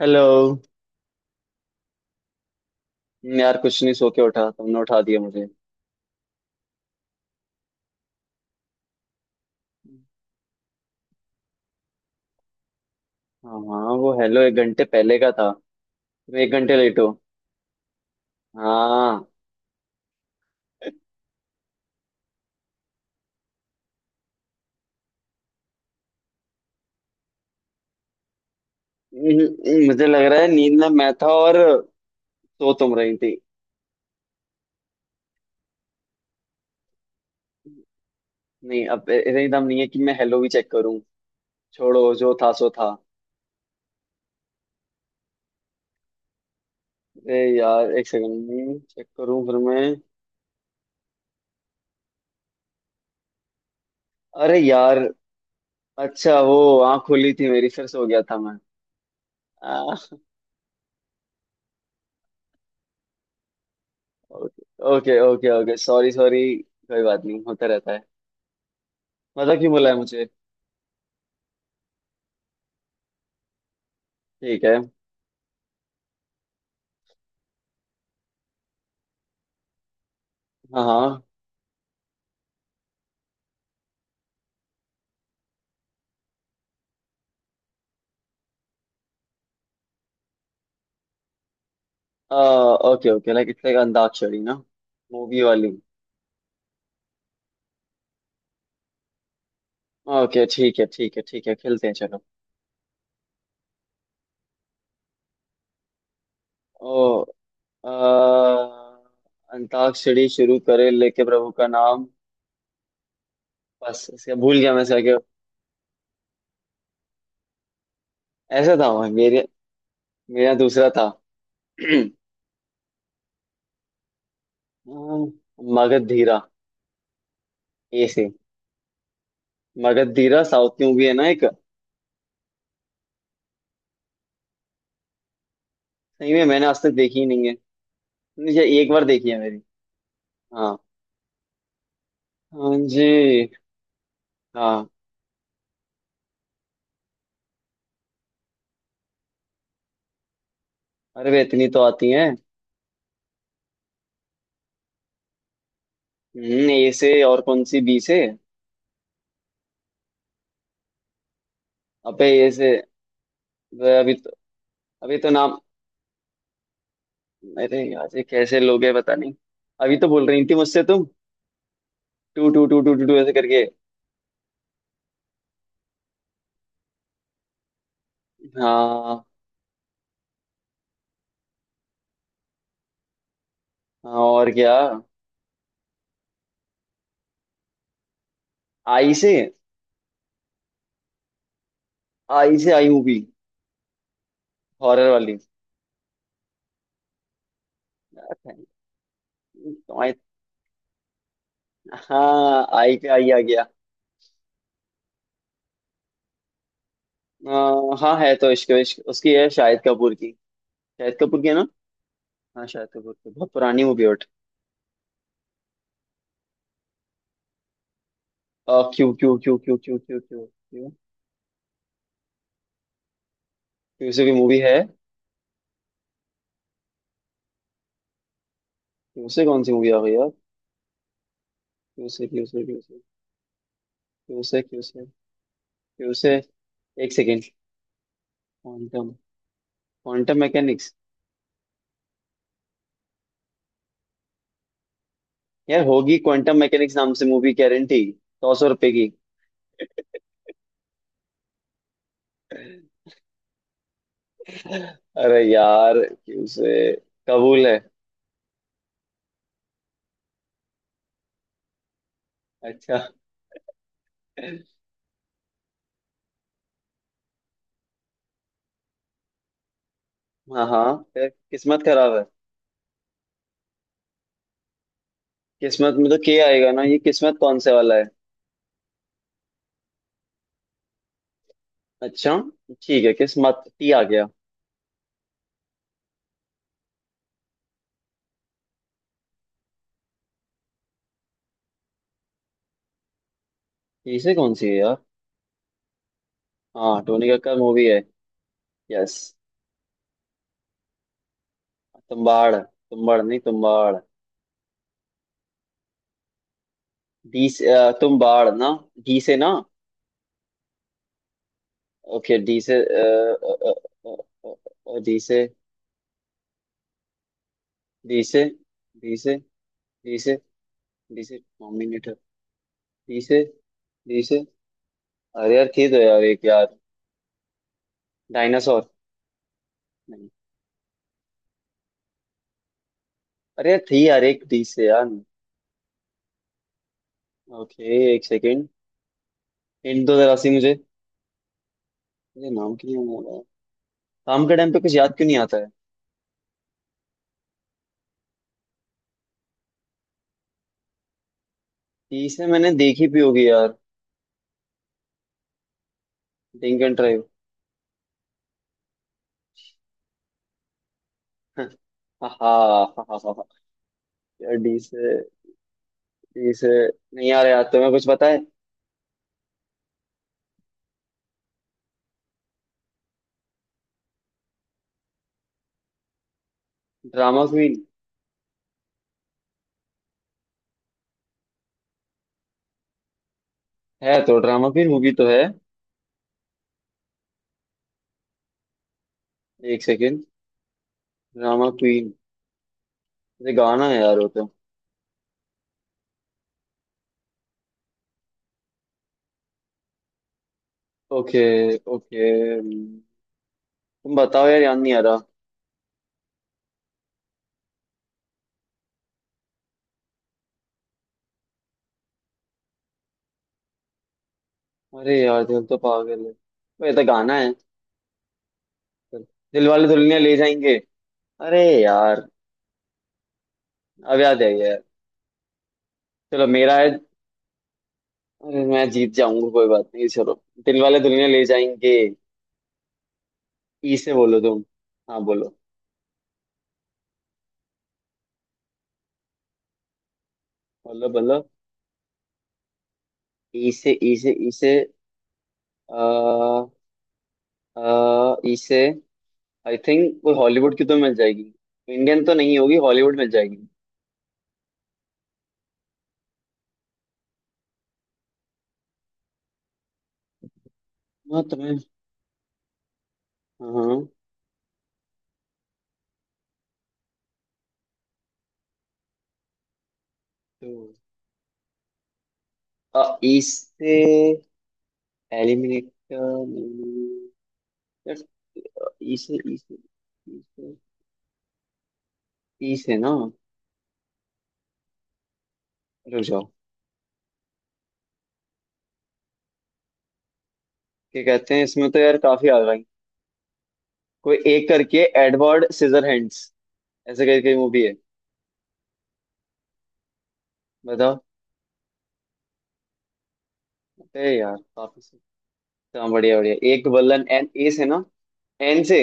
Hello. यार कुछ नहीं, सो के उठा, तुमने उठा दिया मुझे। हाँ हाँ, वो हेलो एक घंटे पहले का था। तुम एक घंटे लेट हो। हाँ। मुझे लग रहा है नींद में मैं था, और सो तुम रही थी। नहीं, अब इतनी दम नहीं है कि मैं हेलो भी चेक करूं। छोड़ो, जो था सो था। अरे यार, एक सेकंड चेक करूं फिर मैं। अरे यार। अच्छा, वो आँख खुली थी मेरी, फिर सो गया था मैं। आ, okay okay okay, sorry sorry, कोई बात नहीं, होता रहता है। मतलब क्यों बोला है मुझे। ठीक है। हाँ हाँ। Okay okay, like it's like Antakshari ना। मूवी वाली। ओके, ठीक है ठीक है ठीक है, खेलते हैं चलो। ओ। अ, अंताक्षरी शुरू करे लेके प्रभु का नाम। बस इसका भूल गया मैं, इसका क्या। ऐसा था वो, मेरे मेरा दूसरा था। मगध धीरा। ए से। मगध धीरा साउथ की मूवी है ना एक। सही में मैंने आज तक देखी ही नहीं है। मुझे एक बार देखी है मेरी। हाँ। हाँ जी। हाँ। अरे वे, इतनी तो आती है। ए से और कौन सी, बी से? अबे ए से। अभी तो। अभी तो नाम। अरे यार, ये कैसे लोग है पता नहीं। अभी तो बोल रही थी मुझसे तुम। टू टू टू टू टू टू ऐसे करके। हाँ। हाँ, और क्या। आई से। आई से आई मूवी। हॉरर वाली। यार, thank you, तो आई। हाँ आई पे आई आ गया। हाँ है तो, इश्क इश्क उसकी है शाहिद कपूर की। शाहिद कपूर की है ना। हाँ, शाहिद कपूर की बहुत पुरानी मूवी है। Q Q Q Q Q Q Q Q. Q से भी मूवी है। क्यूसे कौन सी मूवी आ गई यार। क्यूसे क्यूसे क्यूसे। क्यूसे क्यूसे। क्यूसे। एक सेकेंड। क्वांटम। Quantum mechanics. यार होगी क्वांटम मैकेनिक्स नाम से मूवी, गारंटी। सौ सौ रुपए की। अरे यार क्यूसे। कबूल है। अच्छा। हाँ हाँ, फिर किस्मत खराब है। किस्मत में तो के आएगा ना, ये किस्मत कौन से वाला है? अच्छा। ठीक है, किस्मत, टी आ गया। टी से कौन सी है यार। हाँ, टोनी कक्कड़ मूवी है। यस। तुम्बाड़ तुम्बाड़ नहीं तुम्बाड़। डी से, तुम बाढ़ ना। डी से ना। ओके, डी से। डी से। डी से। डी से। डी से। डी से डोमिनेटर। डी से। डी से। अरे यार थी तो यार एक यार। डायनासोर। नहीं। अरे यार थी यार एक डी से यार। ओके। एक सेकेंड। हिंट दो जरा सी मुझे। मुझे नाम क्यों नहीं आ रहा है? काम के टाइम पे कुछ याद क्यों नहीं आता है। डी से मैंने देखी भी होगी यार। Drink and drive. हाँ हाँ हाँ हाँ हाँ। यार डी से। जैसे। नहीं आ रहा याद, तो मैं कुछ बताए। Drama queen. है तो ड्रामा क्वीन मूवी तो है। एक सेकेंड। Drama queen. ये गाना है यार वो तो। ओके। ओके। तुम। बताओ यार, याद नहीं आ रहा। अरे यार, दिल तो पागल है वो, ये तो गाना है। दिल वाले दुल्हनिया ले जाएंगे। अरे यार। अब याद आई यार। चलो मेरा है। अरे मैं जीत जाऊंगा, कोई बात नहीं, चलो। दिल वाले दुल्हनिया ले जाएंगे। ई से बोलो तुम। हाँ बोलो। बोलो बोलो। ई से ई से ई से। इसे। आई थिंक वो हॉलीवुड की तो मिल जाएगी। इंडियन तो नहीं होगी, हॉलीवुड मिल जाएगी। हाँ तुम्हें। हाँ। तो। इसे एलिमिनेट। इसे इसे। इसे। इसे ना। रुक जाओ। क्या कहते हैं, इसमें तो यार काफी आ गई। कोई एक करके एडवर्ड सीजर हैंड्स। ऐसे करके मूवी है। बताओ। अरे यार काफी से। हाँ, बढ़िया बढ़िया, एक बल्लन, एन ए से ना। एन से।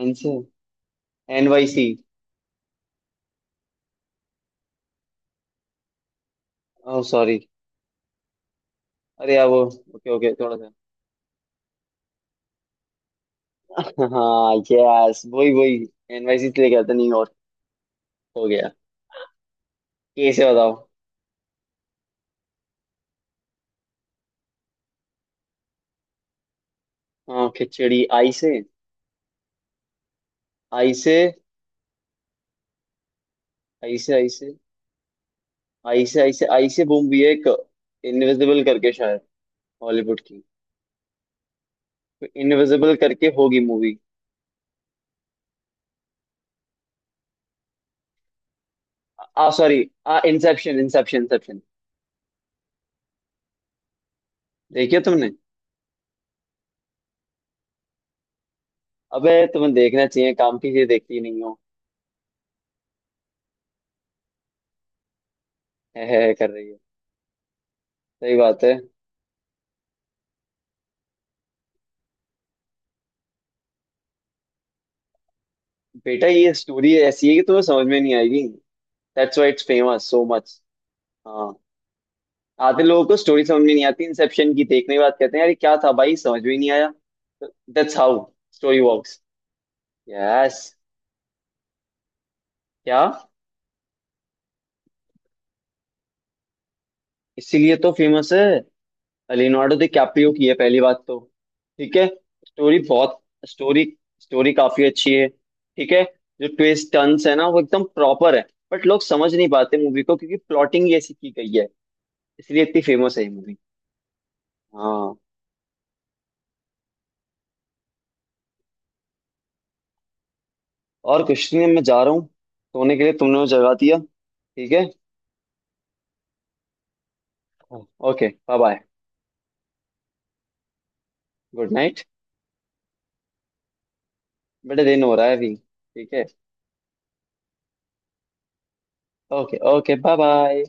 एन से। N Y C. Oh sorry. अरे यार वो। ओके ओके थोड़ा सा। हाँ यस, वही वही। एनवाईसी से लेके गया था न्यूयॉर्क। हो गया। कैसे बताओ। हाँ खिचड़ी, आई से। आई से। आई से आई से। आई से आई से आई से मूवी है एक। इनविजिबल करके शायद। हॉलीवुड की। तो इनविजिबल करके होगी मूवी। आ सॉरी। आ इंसेप्शन इंसेप्शन इंसेप्शन। देखिए तुमने। अबे तुम्हें देखना चाहिए, काम की चीज देखती नहीं हो। है कर रही है। सही बात है। बेटा ये स्टोरी ऐसी है कि तुम्हें समझ में नहीं आएगी। That's why it's famous so much. हाँ। आधे लोगों को स्टोरी समझ में नहीं आती इंसेप्शन की, देखने के बाद कहते हैं यार ये क्या था भाई, समझ में ही नहीं आया। That's how story works. Yes. क्या। इसीलिए तो फेमस है। लियोनार्डो डिकैप्रियो की है पहली बात तो। ठीक है। स्टोरी बहुत स्टोरी स्टोरी काफी अच्छी है, ठीक है। जो ट्विस्ट टर्न्स है ना, वो एकदम प्रॉपर है। बट लोग समझ नहीं पाते मूवी को, क्योंकि प्लॉटिंग ही ऐसी की गई है। इसलिए इतनी फेमस है ये मूवी। हाँ। और कुछ नहीं, मैं जा रहा हूँ सोने के लिए, तुमने मुझे जगा दिया, ठीक है। Okay bye bye. Good night. बेटा दिन हो रहा है अभी, ठीक है। Okay okay, bye bye.